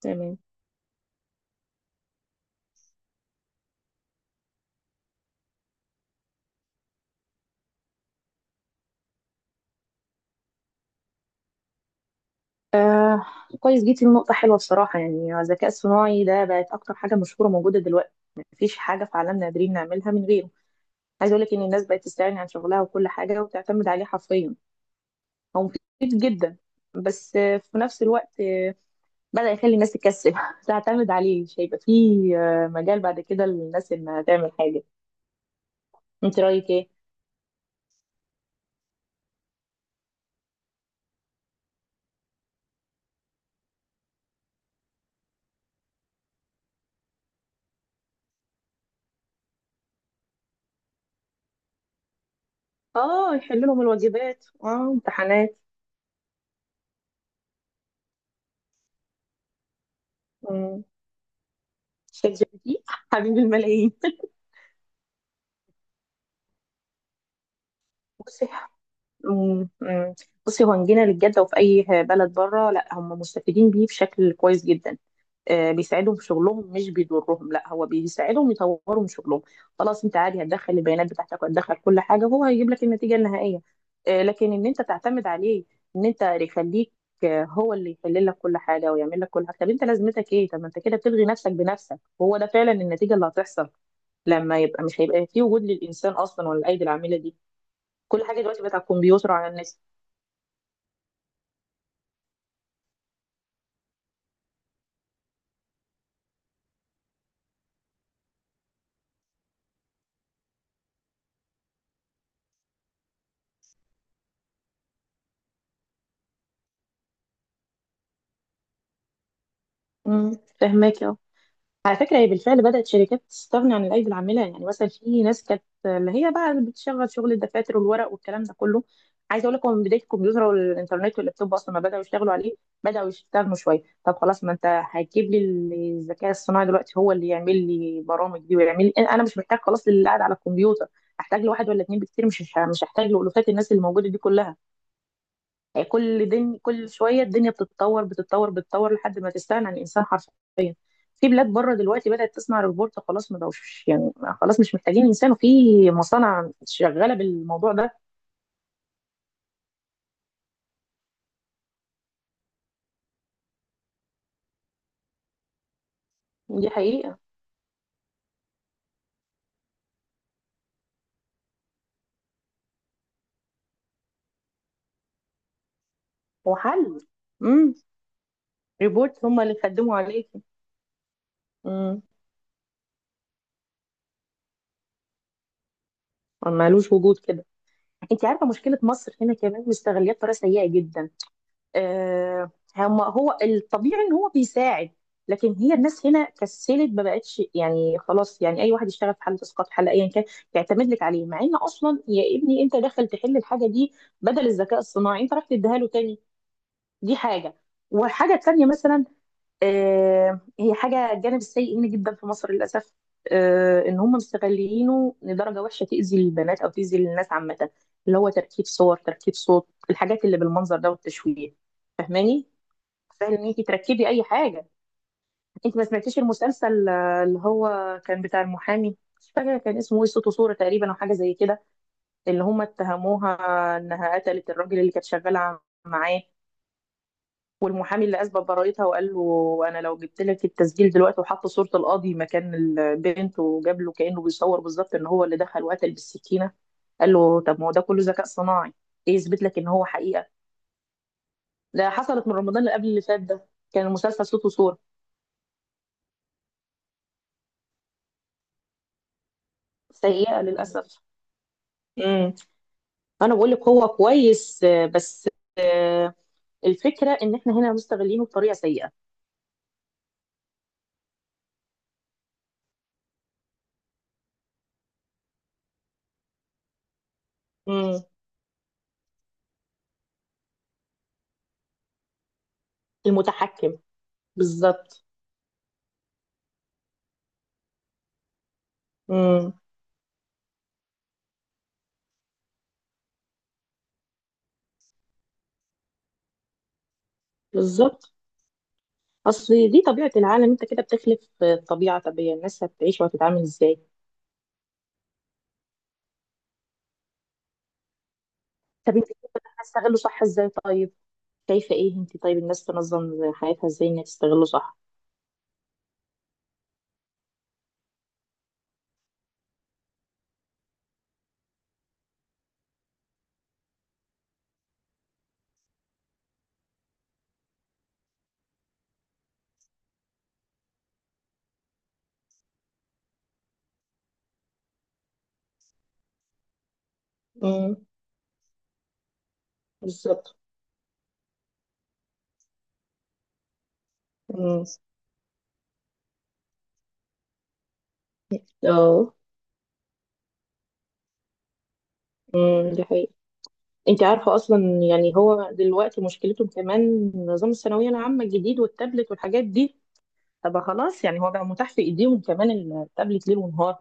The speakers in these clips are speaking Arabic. تمام. آه كويس جيتي لنقطة حلوة بصراحة. يعني الذكاء الصناعي ده بقت أكتر حاجة مشهورة موجودة دلوقتي. مفيش حاجة في عالمنا قادرين نعملها من غيره. عايزة أقولك إن الناس بقت تستغني عن شغلها وكل حاجة وتعتمد عليه حرفيا. هو مفيد جدا، بس في نفس الوقت بدأ يخلي الناس تكسل تعتمد عليه، مش هيبقى فيه مجال بعد كده للناس إنها تعمل حاجة. أنت رأيك إيه؟ آه، يحلوا لهم الواجبات. آه، امتحانات. مم. شات جي بي تي حبيب الملايين. بصي. مم. مم. بصي، هو إن جينا للجد وفي اي بلد بره، لا هم مستفيدين بيه بشكل كويس جدا. آه بيساعدهم في شغلهم، مش بيضرهم، لا هو بيساعدهم يطوروا من شغلهم. خلاص، انت عادي هتدخل البيانات بتاعتك وهتدخل كل حاجه وهو هيجيب لك النتيجه النهائيه. آه، لكن ان انت تعتمد عليه، ان انت يخليك هو اللي يحل لك كل حاجه ويعمل لك كل حاجه، طب انت لازمتك ايه؟ طب ما انت كده بتلغي نفسك بنفسك، هو ده فعلا النتيجه اللي هتحصل. لما يبقى مش هيبقى في وجود للانسان اصلا ولا الايدي العامله دي. كل حاجه دلوقتي بقت على الكمبيوتر وعلى النت. امم، فهماك. اه، على فكره هي بالفعل بدات شركات تستغني عن الايدي العامله. يعني مثلا في ناس كانت اللي هي بقى بتشغل شغل الدفاتر والورق والكلام ده كله. عايزه اقول لكم، من بدايه الكمبيوتر والانترنت واللابتوب اصلا ما بداوا يشتغلوا عليه، بداوا يستغنوا شويه. طب خلاص ما انت هتجيب لي الذكاء الصناعي دلوقتي هو اللي يعمل لي برامج دي ويعمل لي، انا مش محتاج خلاص اللي قاعد على الكمبيوتر. احتاج لواحد ولا اتنين بكتير، مش هحتاج لالوفات الناس اللي موجوده دي كلها. يعني كل دن كل شويه الدنيا بتتطور بتتطور بتتطور لحد ما تستغنى عن الانسان حرفيا. في بلاد بره دلوقتي بدات تصنع روبوت، خلاص ما بقوش يعني، خلاص مش محتاجين انسان. وفي مصانع شغاله بالموضوع ده. دي حقيقه. وحل. امم. روبوت هم اللي خدموا عليكي. امم. ملوش وجود كده. انت عارفه مشكله مصر هنا كمان مستغليه بطريقه سيئه جدا. آه، هم هو الطبيعي ان هو بيساعد، لكن هي الناس هنا كسلت، ما بقتش يعني خلاص، يعني اي واحد يشتغل في حاله اسقاط حاله ايا كان يعتمد لك عليه، مع ان اصلا يا ابني انت داخل تحل الحاجه دي، بدل الذكاء الصناعي انت راح تديها له تاني. دي حاجه. والحاجه التانيه مثلا، هي حاجه الجانب السيء منه جدا في مصر للاسف. ان هم مستغلينه لدرجه وحشه تاذي البنات او تاذي الناس عامه، اللي هو تركيب صور، تركيب صوت، الحاجات اللي بالمنظر ده والتشويه. فاهماني؟ سهل ان انت تركبي اي حاجه. انت ما سمعتيش المسلسل اللي هو كان بتاع المحامي، مش فاكره كان اسمه ايه، صوت وصوره تقريبا او حاجه زي كده، اللي هم اتهموها انها قتلت الراجل اللي كانت شغاله معاه، والمحامي اللي اثبت براءتها وقال له انا لو جبت لك التسجيل دلوقتي، وحط صوره القاضي مكان البنت وجاب له كانه بيصور بالظبط ان هو اللي دخل وقتل بالسكينه، قال له طب ما هو ده كله ذكاء صناعي، ايه يثبت لك ان هو حقيقه. ده حصلت من رمضان اللي قبل اللي فات ده. كان المسلسل صوت وصوره. سيئه للاسف. امم. انا بقول لك هو كويس آه، بس آه، الفكره ان احنا هنا مستغلينه بطريقه سيئه. امم. المتحكم. بالظبط. امم. بالظبط. اصل دي طبيعه العالم، انت كده بتخلف طبيعه. طب هي الناس هتعيش وهتتعامل ازاي؟ طب انت شايفة إن احنا نستغله صح ازاي طيب؟ شايفه ايه انت طيب، الناس تنظم حياتها ازاي انها تستغله صح؟ امم. بالظبط. امم. اه. امم، دي حقيقة. انت عارفة اصلا، يعني هو دلوقتي مشكلته كمان نظام الثانوية العامة الجديد والتابلت والحاجات دي. طب خلاص يعني هو بقى متاح في ايديهم كمان، التابلت ليل ونهار.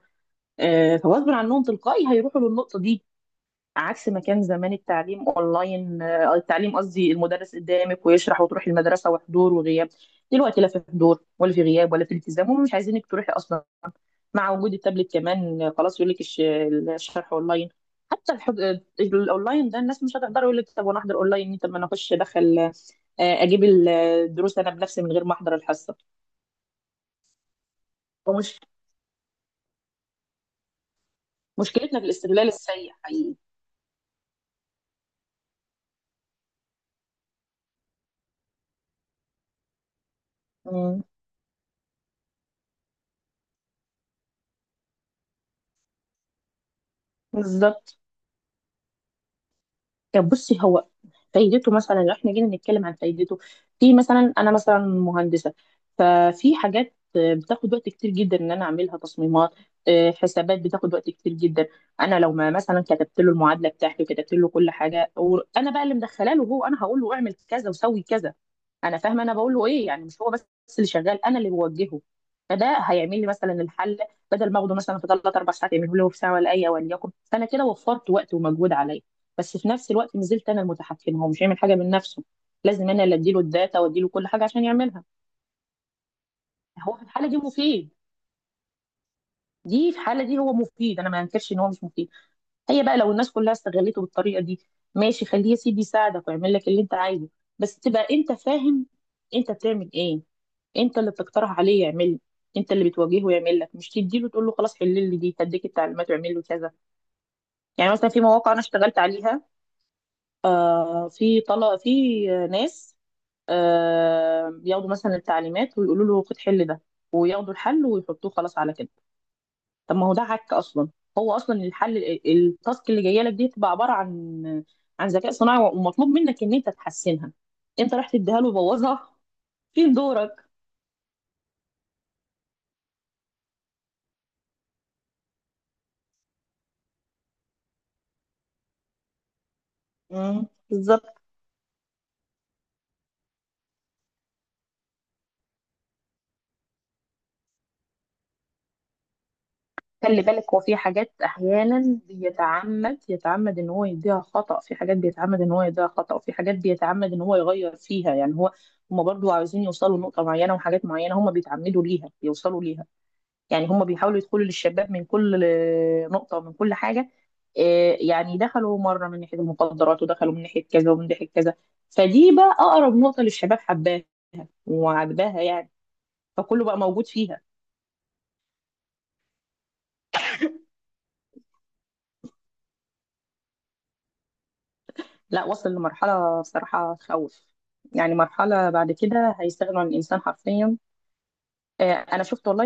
آه، فغصب عنهم تلقائي هيروحوا للنقطة دي. عكس ما كان زمان التعليم اونلاين، آه التعليم قصدي المدرس قدامك ويشرح، وتروحي المدرسة وحضور وغياب. دلوقتي لا في حضور ولا في غياب ولا في التزام، هم مش عايزينك تروحي اصلا. مع وجود التابلت كمان خلاص، يقول لك الشرح اونلاين. حتى الحج... الاونلاين ده الناس مش هتقدر، يقول لك طب وانا احضر اونلاين، طب ما انا اخش ادخل، اجيب الدروس انا بنفسي من غير ما احضر الحصه. ومش، مشكلتنا في الاستغلال السيء حقيقي. مم. بالظبط. طب بصي، هو فايدته مثلا لو احنا جينا نتكلم عن فايدته، في مثلا انا مثلا مهندسه، ففي حاجات بتاخد وقت كتير جدا ان انا اعملها، تصميمات حسابات بتاخد وقت كتير جدا. انا لو ما مثلا كتبت له المعادله بتاعتي وكتبت له كل حاجه، وانا بقى اللي مدخله له، هو انا هقول له اعمل كذا وسوي كذا، انا فاهمه انا بقول له ايه، يعني مش هو بس اللي شغال، انا اللي بوجهه. فده هيعمل لي مثلا الحل بدل ما اخده مثلا في ثلاث اربع ساعات، يعمله له في ساعه ولا اي وليكن، فانا كده وفرت وقت ومجهود عليا. بس في نفس الوقت ما زلت انا المتحكمه، هو مش هيعمل حاجه من نفسه، لازم انا اللي اديله الداتا واديله كل حاجه عشان يعملها. هو في الحاله دي مفيد. دي في الحاله دي هو مفيد، انا ما انكرش ان هو مش مفيد. هي بقى لو الناس كلها استغلته بالطريقه دي، ماشي خليه يا سيدي يساعدك ويعمل لك اللي انت عايزه، بس تبقى انت فاهم انت بتعمل ايه. انت اللي بتقترح عليه يعمل، انت اللي بتواجهه يعمل لك، مش تديله تقول له خلاص حل لي دي، هديك التعليمات واعمل له كذا. يعني مثلا في مواقع انا اشتغلت عليها، آه في طلب في ناس آه بياخدوا مثلا التعليمات ويقولوا له خد حل ده، وياخدوا الحل ويحطوه خلاص على كده. طب ما هو ده عك اصلا. هو اصلا الحل، التاسك اللي جايه لك دي تبقى عباره عن، عن ذكاء صناعي ومطلوب منك ان انت تحسنها، انت رحت تديها له وبوظها، فين دورك؟ مم. بالظبط. خلي بالك، هو في حاجات احيانا بيتعمد، يتعمد ان هو يديها خطأ، في حاجات بيتعمد ان هو يديها خطأ، وفي حاجات بيتعمد ان هو يغير فيها، يعني هو، هما برضو عاوزين يوصلوا لنقطة معينة وحاجات معينة هما بيتعمدوا ليها يوصلوا ليها. يعني هما بيحاولوا يدخلوا للشباب من كل نقطة ومن كل حاجة. يعني دخلوا مرة من ناحية المخدرات، ودخلوا من ناحية كذا ومن ناحية كذا. فدي بقى أقرب نقطة للشباب، حباها وعجباها يعني، فكله بقى موجود فيها. لا وصل لمرحلة بصراحة تخوف، يعني مرحلة بعد كده هيستغنوا عن الإنسان حرفيا. أنا شفت والله،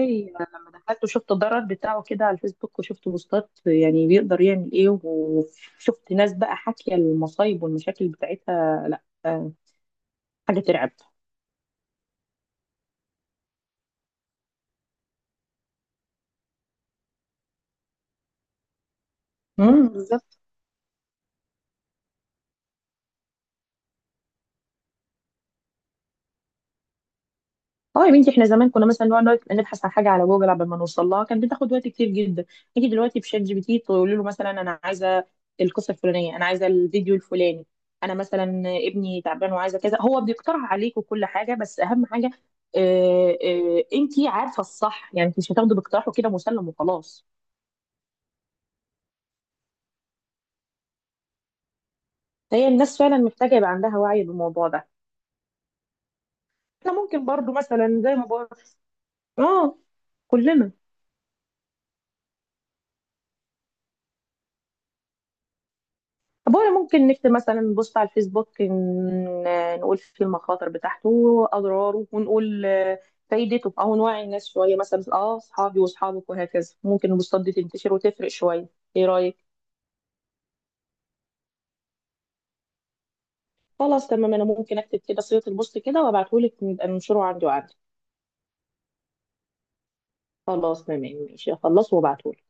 لما دخلت وشفت الضرر بتاعه كده على الفيسبوك، وشفت بوستات يعني بيقدر يعمل إيه، وشفت ناس بقى حاكية المصايب والمشاكل بتاعتها، لا حاجة ترعب. امم. بالظبط. اه يا بنتي، احنا زمان كنا مثلا نقعد نبحث عن حاجه على جوجل، قبل ما نوصل لها كانت بتاخد وقت كتير جدا. نيجي دلوقتي بشات جي بي تي، تقول له مثلا انا عايزه القصه الفلانيه، انا عايزه الفيديو الفلاني، انا مثلا ابني تعبان وعايزه كذا، هو بيقترح عليك وكل حاجه. بس اهم حاجه، اه اه، انت عارفه الصح يعني، انت مش هتاخده باقتراحه كده مسلم وخلاص. فهي الناس فعلا محتاجه يبقى عندها وعي بالموضوع ده. احنا ممكن برضو مثلا زي ما بقول، اه، كلنا. طب ولا ممكن نكتب مثلا، نبص على الفيسبوك نقول فيه المخاطر بتاعته واضراره، ونقول فايدته، او نوعي الناس شويه مثلا اه اصحابي واصحابك وهكذا، ممكن البوستات دي تنتشر وتفرق شويه. ايه رايك؟ خلاص تمام، انا ممكن اكتب كده صيغه البوست كده وابعتهولك، نبقى ننشره عندي وعندي. خلاص تمام. ماشي اخلصه وابعتهولك.